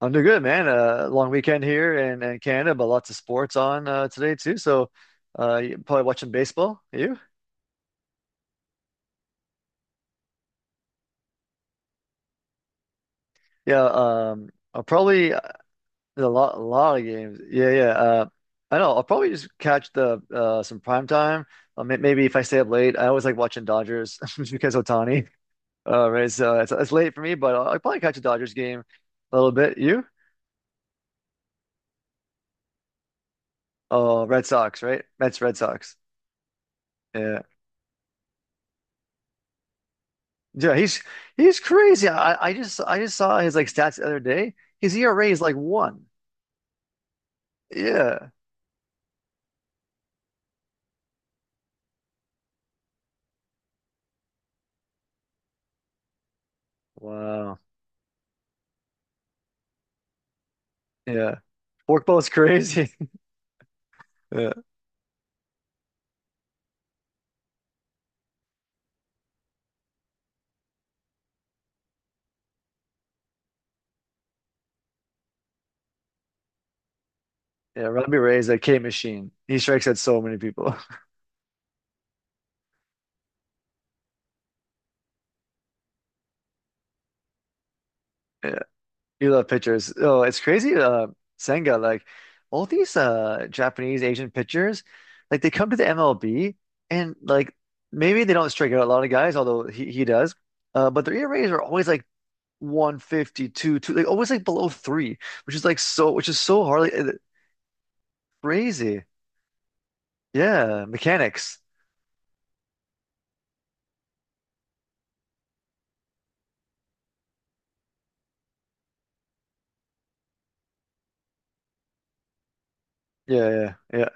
I'm doing good, man. Long weekend here in Canada, but lots of sports on today too. So, you probably watching baseball. You? Yeah. I'll probably there's a lot of games. Yeah, yeah. I know. I'll probably just catch the some prime time. Maybe if I stay up late, I always like watching Dodgers just because Otani. Right. So it's late for me, but I'll probably catch a Dodgers game a little bit. You? Oh, Red Sox, right? Mets, Red Sox. Yeah. Yeah, he's crazy. I just saw his like stats the other day. His ERA is like one. Yeah. Wow. Yeah. Forkball's crazy. Yeah. Yeah. Robbie Ray is a K machine. He strikes at so many people. Yeah. You love pitchers. Oh, it's crazy. Senga, like all these Japanese Asian pitchers, like they come to the MLB and like maybe they don't strike out a lot of guys, although he does. But their ERAs are always like 152, two, like always like below three, which is like so, which is so hard, like crazy. Yeah, mechanics. Yeah, yeah, yeah.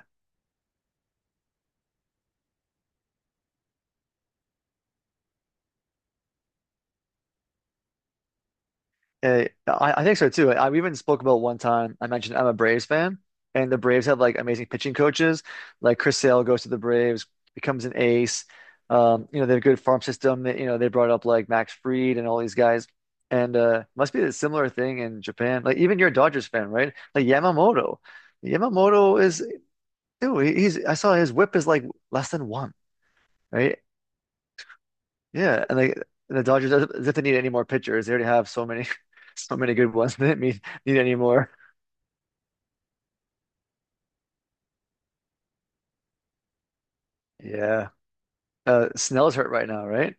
Eh, I think so too. We even spoke about one time. I mentioned I'm a Braves fan, and the Braves have like amazing pitching coaches. Like Chris Sale goes to the Braves, becomes an ace. You know, they have a good farm system. They brought up like Max Fried and all these guys. And must be a similar thing in Japan. Like even you're a Dodgers fan, right? Like Yamamoto. Yamamoto is. Ew, he- he's I saw his whip is like less than one, right? Yeah, and like the Dodgers as if they need any more pitchers. They already have so many so many good ones. They didn't need any more. Yeah. Snell's hurt right now, right?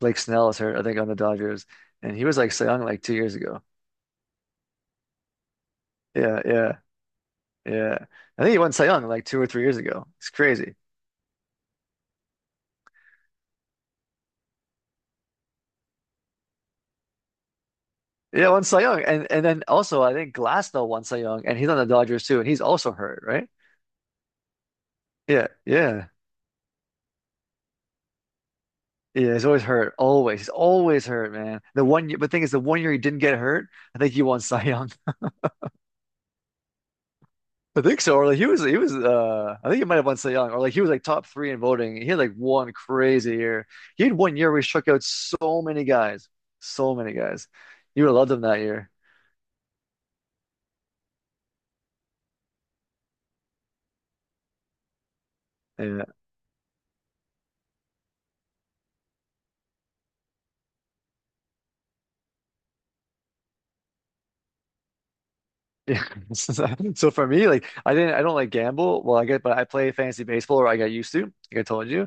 Blake Snell is hurt, I think, on the Dodgers. And he was like Cy Young like 2 years ago. Yeah, yeah, yeah. I think he won Cy Young like 2 or 3 years ago. It's crazy. Yeah, won Cy Young. And then also I think Glasnow won Cy Young and he's on the Dodgers too, and he's also hurt, right? Yeah, yeah. Yeah, he's always hurt. Always. He's always hurt, man. The one year, but thing is, the one year he didn't get hurt, I think he won Cy Young. I think so. Or like I think he might have won Cy Young, or like he was like top three in voting. He had like one crazy year. He had one year where he struck out so many guys, so many guys. You would have loved him that year. Yeah. Yeah. So for me, like I don't like gamble. Well, I get, but I play fantasy baseball, or I got used to, like I told you.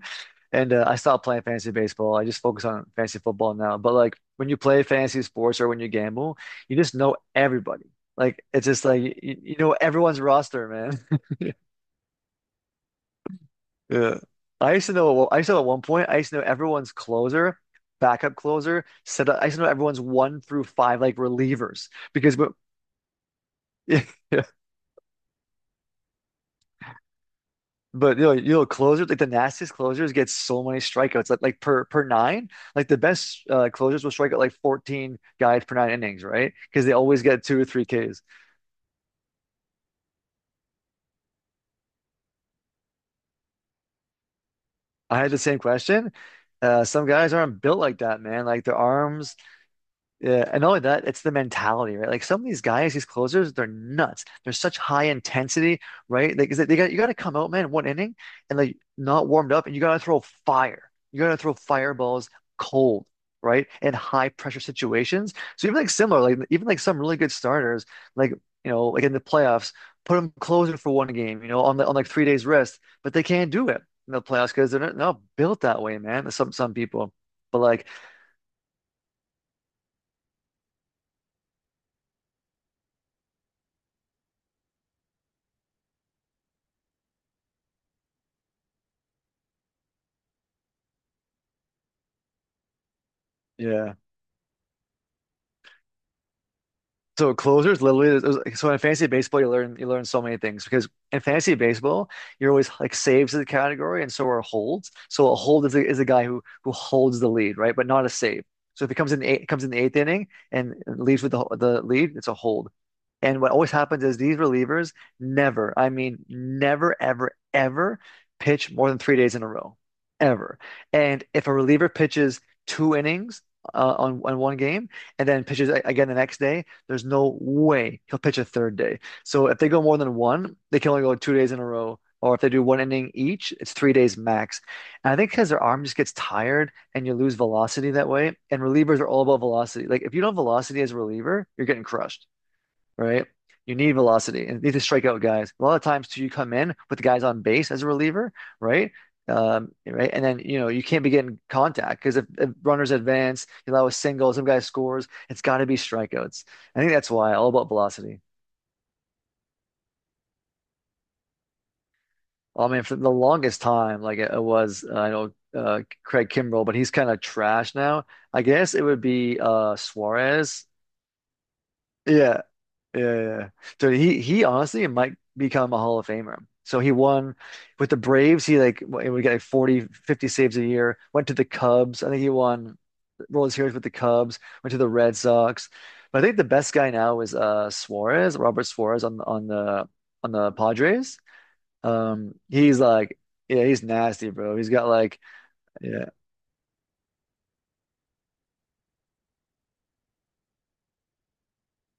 And I stopped playing fantasy baseball. I just focus on fantasy football now. But like when you play fantasy sports or when you gamble, you just know everybody. Like it's just like you know everyone's roster, man. Yeah. I used to know. I used to know at one point. I used to know everyone's closer, backup closer, set up. I used to know everyone's one through five like relievers because but But closers like the nastiest closers get so many strikeouts, like per nine. Like the best closers will strike out like 14 guys per 9 innings, right? Because they always get two or three Ks. I had the same question. Some guys aren't built like that, man. Like their arms. Yeah, and not only that, it's the mentality, right? Like some of these guys, these closers, they're nuts. They're such high intensity, right? Like 'cause they got you got to come out, man, one inning and like not warmed up, and you got to throw fire. You got to throw fireballs cold, right? In high pressure situations. So even like similar, like even like some really good starters, like you know, like in the playoffs, put them closing for one game, you know, on on like 3 days rest, but they can't do it in the playoffs because they're not built that way, man. Some people, but like. Yeah. So closers literally so in fantasy baseball you learn so many things because in fantasy baseball you're always like saves is a category and so are holds. So a hold is a guy who holds the lead, right? But not a save. So if it comes in the eighth inning and leaves with the lead, it's a hold. And what always happens is these relievers never, I mean, never, ever, ever pitch more than 3 days in a row, ever. And if a reliever pitches 2 innings on, one game and then pitches again the next day, there's no way he'll pitch a third day. So if they go more than one, they can only go 2 days in a row. Or if they do one inning each, it's 3 days max. And I think because their arm just gets tired and you lose velocity that way. And relievers are all about velocity. Like if you don't have velocity as a reliever, you're getting crushed, right? You need velocity and you need to strike out guys. A lot of times too, you come in with the guys on base as a reliever, right? Right, and then you know you can't be getting contact because if runners advance, you allow a single, some guy scores, it's got to be strikeouts. I think that's why all about velocity. I mean, for the longest time, like it was, I know Craig Kimbrell, but he's kind of trash now. I guess it would be Suarez. Yeah, yeah, yeah, yeah. So he honestly might become a Hall of Famer. So he won with the Braves. He like he would get like 40-50 saves a year. Went to the Cubs. I think he won World Series with the Cubs. Went to the Red Sox. But I think the best guy now is Suarez, Robert Suarez on the Padres. He's like, yeah, he's nasty, bro. He's got like, yeah,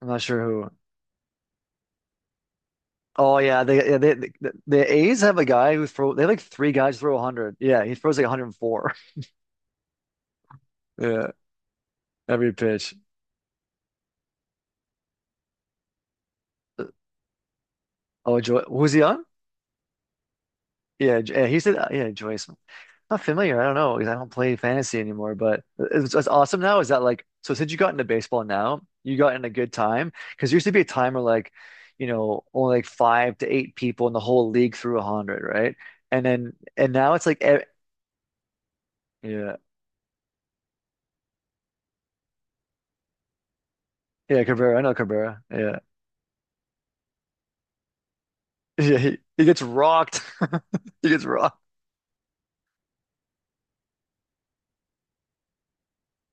I'm not sure who. Oh yeah, the the A's have a guy who throw. They have like three guys throw 100. Yeah, he throws like 104. Yeah, every pitch. Oh, Joy, who's he on? Yeah, he said, yeah, Joyce. Not familiar. I don't know because I don't play fantasy anymore. But it's awesome now. Is that like so? Since you got into baseball now, you got in a good time because there used to be a time where like, you know, only like five to eight people in the whole league threw 100, right? And then and now it's like, yeah, yeah, Cabrera. I know Cabrera. Yeah, yeah, he gets rocked. He gets rocked.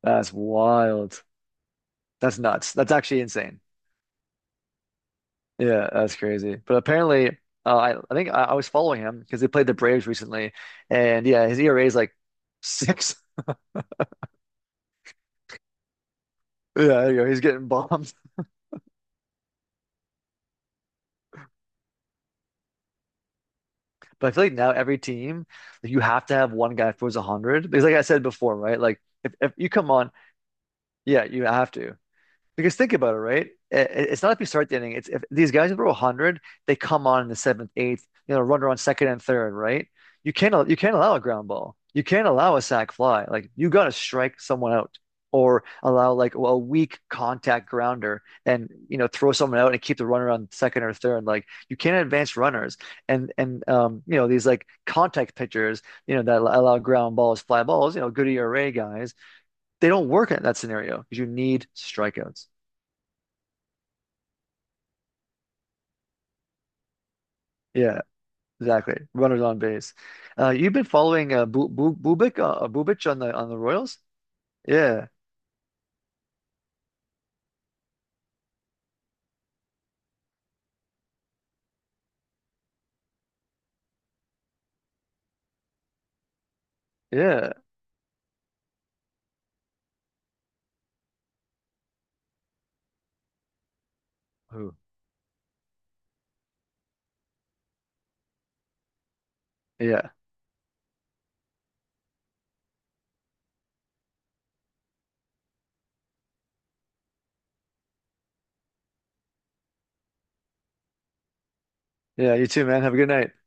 That's wild. That's nuts. That's actually insane. Yeah, that's crazy. But apparently, I was following him because he played the Braves recently, and yeah, his ERA is like six. Yeah, there, you know, he's getting bombed. But I feel like now every team, like, you have to have one guy throws 100 because, like I said before, right? Like if you come on, yeah, you have to. Because think about it, right? It's not if you start the inning. It's if these guys throw 100, they come on in the seventh, eighth, you know, runner on second and third, right? You can't allow a ground ball. You can't allow a sac fly. Like you got to strike someone out or allow like a weak contact grounder and you know throw someone out and keep the runner on second or third. Like you can't advance runners and you know these like contact pitchers you know that allow ground balls, fly balls. You know Goody Array guys, they don't work in that scenario because you need strikeouts. Yeah, exactly. Runners on base. You've been following Bubic on the Royals? Yeah, yeah. Who? Yeah, yeah. You too, man. Have a good night.